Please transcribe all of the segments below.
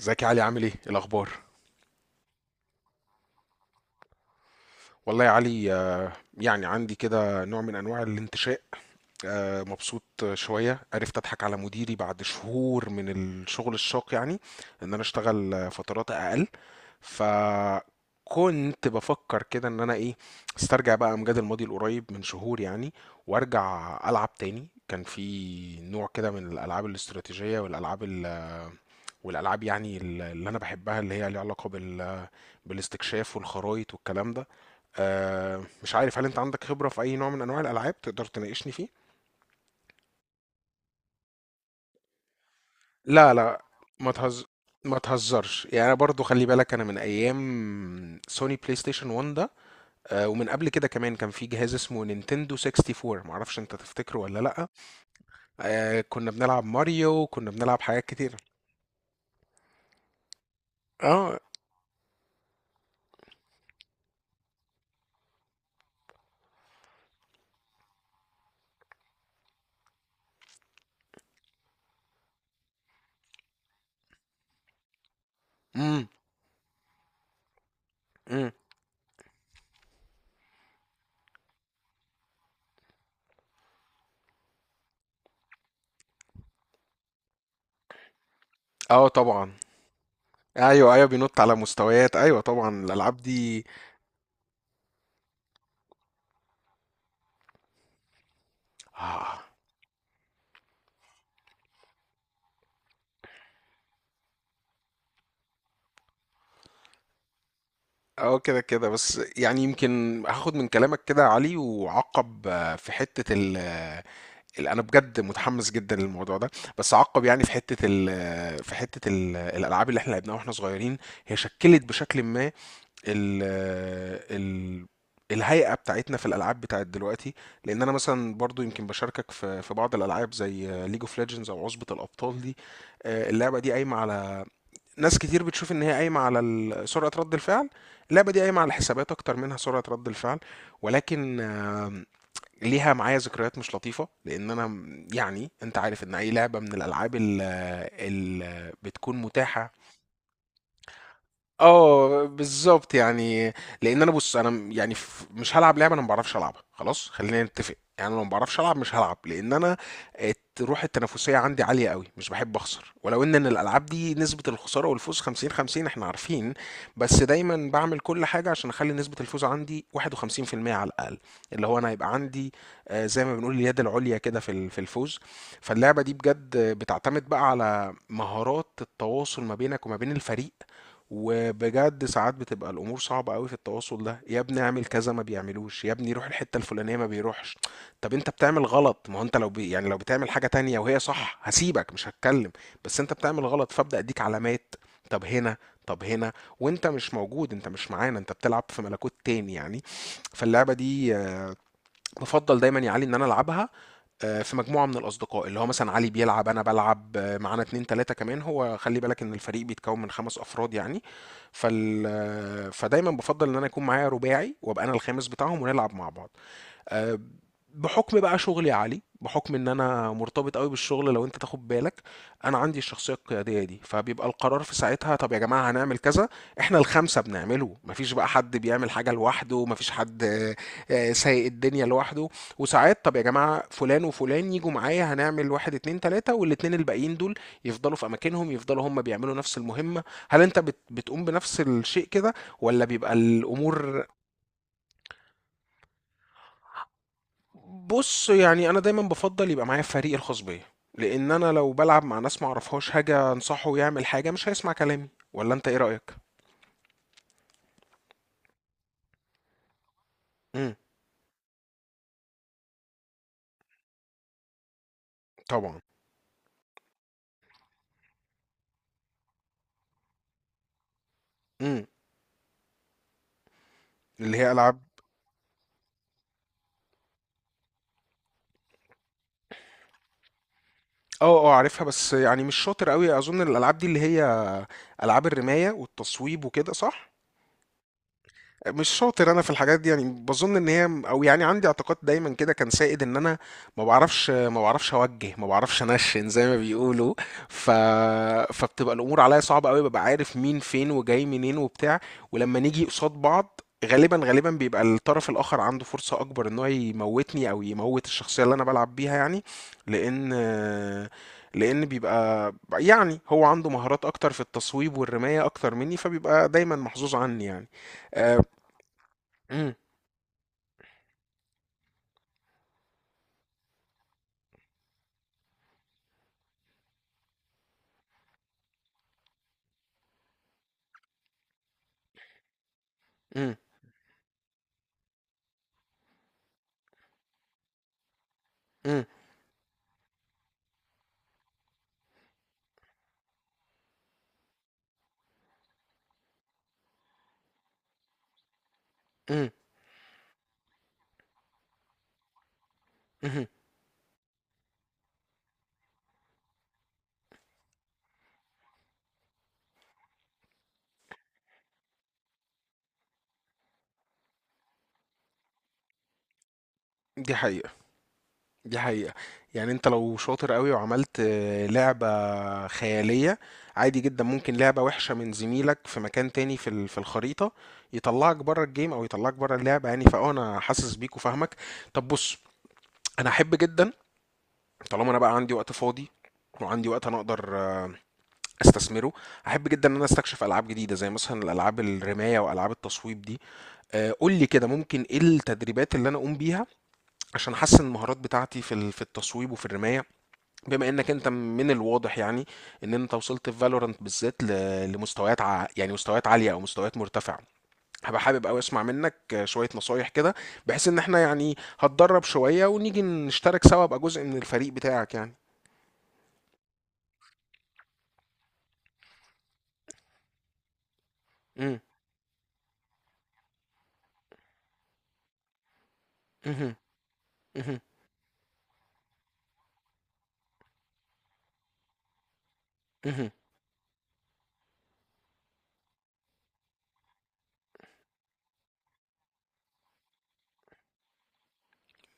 ازيك يا علي؟ عامل ايه؟ إيه الاخبار؟ والله يا علي، يعني عندي كده نوع من انواع الانتشاء. مبسوط. شويه عرفت اضحك على مديري بعد شهور من الشغل الشاق يعني، ان انا اشتغل فترات اقل. فكنت بفكر كده ان انا ايه، استرجع بقى امجاد الماضي القريب من شهور يعني، وارجع العب تاني. كان في نوع كده من الالعاب الاستراتيجية والالعاب يعني اللي انا بحبها، اللي هي ليها علاقة بالاستكشاف والخرايط والكلام ده. مش عارف هل انت عندك خبرة في اي نوع من انواع الالعاب تقدر تناقشني فيه؟ لا لا، ما تهز ما تهزرش يعني، انا برضو خلي بالك انا من ايام سوني بلاي ستيشن 1 ده. ومن قبل كده كمان كان في جهاز اسمه نينتندو 64، معرفش انت تفتكره ولا لأ. آه، كنا بنلعب ماريو، كنا بنلعب حاجات كتيرة. اه. امم. امم. اه طبعا. ايوه ايوه بينط على مستويات، ايوه طبعا الالعاب دي. اه اه كده كده. بس يعني يمكن هاخد من كلامك كده يا علي وعقب، في حتة انا بجد متحمس جدا للموضوع ده، بس عقب يعني في حتة ال آه، في حتة الالعاب اللي احنا لعبناها واحنا صغيرين، هي شكلت بشكل ما ال ال الهيئة بتاعتنا في الألعاب بتاعت دلوقتي. لأن أنا مثلا برضو يمكن بشاركك في بعض الألعاب زي ليج اوف ليجندز أو عصبة الأبطال دي. اللعبة دي قايمة على، ناس كتير بتشوف إن هي قايمة على سرعة رد الفعل. اللعبة دي قايمة على الحسابات أكتر منها سرعة رد الفعل، ولكن ليها معايا ذكريات مش لطيفة. لأن أنا يعني أنت عارف إن أي لعبة من الألعاب اللي بتكون متاحة. اه بالظبط يعني. لان انا بص، انا يعني مش هلعب لعبه انا ما بعرفش العبها، خلاص خلينا نتفق يعني. انا لو ما بعرفش العب مش هلعب، لان انا روح التنافسيه عندي عاليه قوي، مش بحب اخسر. ولو ان إن الالعاب دي نسبه الخساره والفوز 50 50 احنا عارفين، بس دايما بعمل كل حاجه عشان اخلي نسبه الفوز عندي 51% على الاقل. اللي هو انا هيبقى عندي زي ما بنقول اليد العليا كده في في الفوز. فاللعبه دي بجد بتعتمد بقى على مهارات التواصل ما بينك وما بين الفريق. وبجد ساعات بتبقى الامور صعبه قوي في التواصل ده. يا ابني اعمل كذا، ما بيعملوش. يا ابني روح الحته الفلانيه، ما بيروحش. طب انت بتعمل غلط، ما هو انت لو بي يعني لو بتعمل حاجه تانية وهي صح هسيبك مش هتكلم، بس انت بتعمل غلط فابدا اديك علامات. طب هنا، طب هنا، وانت مش موجود، انت مش معانا، انت بتلعب في ملكوت تاني يعني. فاللعبه دي بفضل دايما يا علي ان انا العبها في مجموعة من الأصدقاء، اللي هو مثلا علي بيلعب، أنا بلعب معانا اتنين تلاتة كمان. هو خلي بالك إن الفريق بيتكون من خمس أفراد يعني. فال آه، فدايما بفضل إن أنا يكون معايا رباعي وأبقى أنا الخامس بتاعهم ونلعب مع بعض. آه، بحكم بقى شغلي عالي، بحكم ان انا مرتبط قوي بالشغل لو انت تاخد بالك، انا عندي الشخصيه القياديه دي، فبيبقى القرار في ساعتها، طب يا جماعه هنعمل كذا. احنا الخمسه بنعمله، مفيش بقى حد بيعمل حاجه لوحده، مفيش حد سايق الدنيا لوحده. وساعات طب يا جماعه فلان وفلان يجوا معايا هنعمل واحد اتنين تلاته، والاتنين الباقيين دول يفضلوا في اماكنهم، يفضلوا هم بيعملوا نفس المهمه. هل انت بتقوم بنفس الشيء كده ولا بيبقى الامور؟ بص يعني انا دايما بفضل يبقى معايا فريق الخاص بيا، لان انا لو بلعب مع ناس معرفهاش هاجي انصحه يعمل حاجه مش هيسمع كلامي. ولا انت ايه رايك؟ امم. طبعا. امم. اللي هي العاب. اه اه عارفها، بس يعني مش شاطر قوي اظن الالعاب دي اللي هي العاب الرمايه والتصويب وكده صح؟ مش شاطر انا في الحاجات دي يعني. بظن ان هي او يعني عندي اعتقاد دايما كده كان سائد ان انا ما بعرفش، ما بعرفش اوجه، ما بعرفش انشن زي ما بيقولوا. ف فبتبقى الامور عليا صعبه قوي، ببقى عارف مين فين وجاي منين وبتاع، ولما نيجي قصاد بعض غالبا غالبا بيبقى الطرف الاخر عنده فرصه اكبر ان هو يموتني او يموت الشخصيه اللي انا بلعب بيها يعني. لان لان بيبقى يعني هو عنده مهارات اكتر في التصويب والرمايه اكتر مني، فبيبقى دايما محظوظ عني يعني. آه، إمم، إمم، إمم، إمم، اهم، دي حقيقة، دي حقيقة. يعني أنت لو شاطر أوي وعملت لعبة خيالية، عادي جدًا ممكن لعبة وِحشة من زميلك في مكان تاني في في الخريطة، يطلّعك برّه الgame أو يطلّعك برّه اللعبة يعني، فآه أنا حاسس بيك وفاهمك. طب بُص، أنا أحب جدًا، طالما أنا بقى عندي وقت فاضي وعندي وقت أنا أقدر أستثمره، أحب جدًا إن أنا أستكشف ألعاب جديدة، زي مثلًا الألعاب الرماية وألعاب التصويب دي. قُل لي كده ممكن إيه التدريبات اللي أنا أقوم بيها عشان احسن المهارات بتاعتي في في التصويب وفي الرمايه، بما انك انت من الواضح يعني ان انت وصلت في فالورانت بالذات لمستويات يعني مستويات عاليه او مستويات مرتفعه. هبقى حابب قوي اسمع منك شويه نصايح كده، بحيث ان احنا يعني هتدرب شويه ونيجي نشترك سوا ابقى جزء من الفريق بتاعك يعني. امم. اها. اها. اها.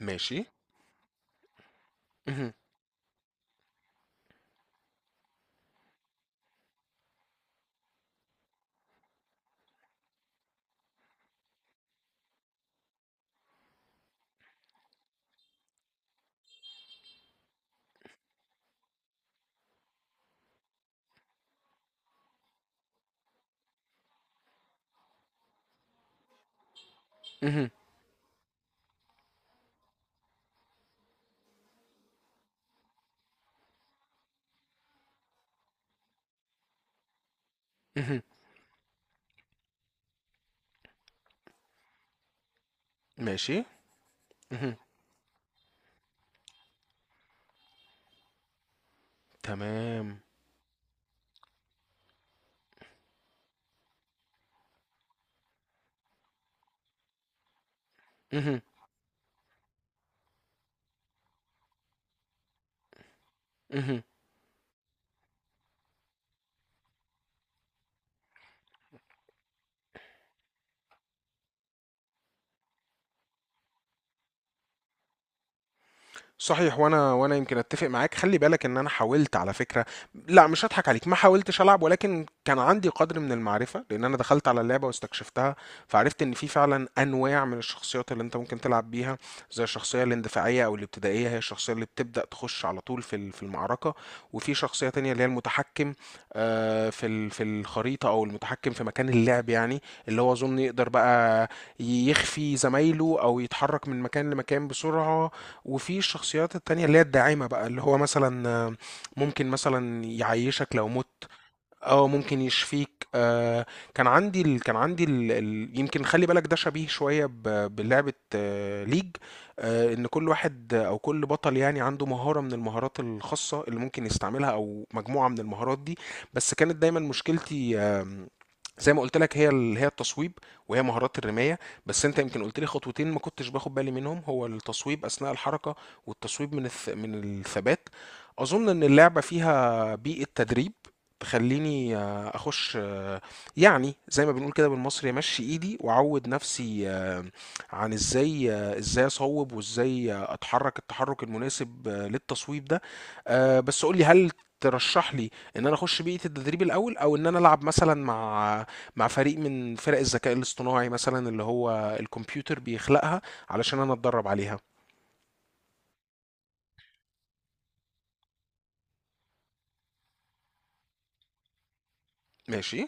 ماشي. اها. اها. اها. ماشي. اها. تمام. اها. اها. صحيح. وانا يمكن اتفق معاك. خلي بالك ان انا حاولت على فكره، لا مش هضحك عليك، ما حاولتش العب، ولكن كان عندي قدر من المعرفه لان انا دخلت على اللعبه واستكشفتها. فعرفت ان في فعلا انواع من الشخصيات اللي انت ممكن تلعب بيها، زي الشخصيه الاندفاعيه او الابتدائيه، هي الشخصيه اللي بتبدا تخش على طول في في المعركه. وفي شخصيه تانية اللي هي المتحكم في في الخريطه او المتحكم في مكان اللعب يعني، اللي هو اظن يقدر بقى يخفي زمايله او يتحرك من مكان لمكان بسرعه. وفي الشخصيات التانية اللي هي الداعمة بقى، اللي هو مثلا ممكن مثلا يعيشك لو مت. اه ممكن يشفيك آه. كان عندي ال... كان عندي ال... ال... يمكن خلي بالك ده شبيه شوية بلعبة آه ليج، آه ان كل واحد او كل بطل يعني عنده مهارة من المهارات الخاصة اللي ممكن يستعملها او مجموعة من المهارات دي. بس كانت دايما مشكلتي زي ما قلت لك هي التصويب وهي مهارات الرماية. بس انت يمكن قلت لي خطوتين ما كنتش باخد بالي منهم، هو التصويب اثناء الحركة والتصويب من الثبات. اظن ان اللعبة فيها بيئة تدريب تخلّيني أخُش يعني زي ما بنقول كده بالمصري أمشّي إيدي وأعوّد نَفْسي، عن إزاي إزاي أصوّب وإزاي أتحرّك التحرُّك المناسب للتصويب ده. بس قُل لي، هل ترشّح لي إن أنا أخُش بيئة التدريب الأول، أو إن أنا ألعب مثلًا مع مع فريق من فرق الذكاء الاصطناعي مثلًا اللي هو الكمبيوتر بيخلقها علشان أنا أتدرّب عليها؟ ماشي.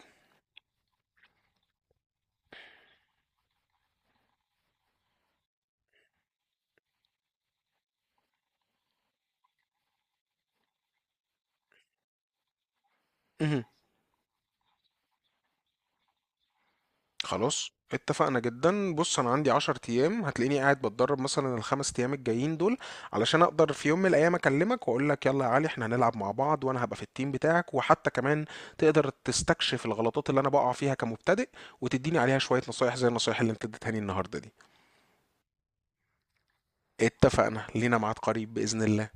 اهم. خلاص اتفقنا جدا. بص انا عندي 10 ايام، هتلاقيني قاعد بتدرب مثلا الخمس ايام الجايين دول، علشان اقدر في يوم من الايام اكلمك واقول لك يلا يا علي احنا هنلعب مع بعض، وانا هبقى في التيم بتاعك، وحتى كمان تقدر تستكشف الغلطات اللي انا بقع فيها كمبتدئ وتديني عليها شوية نصايح زي النصايح اللي انت اديتها لي النهارده دي. اتفقنا، لينا ميعاد قريب بإذن الله.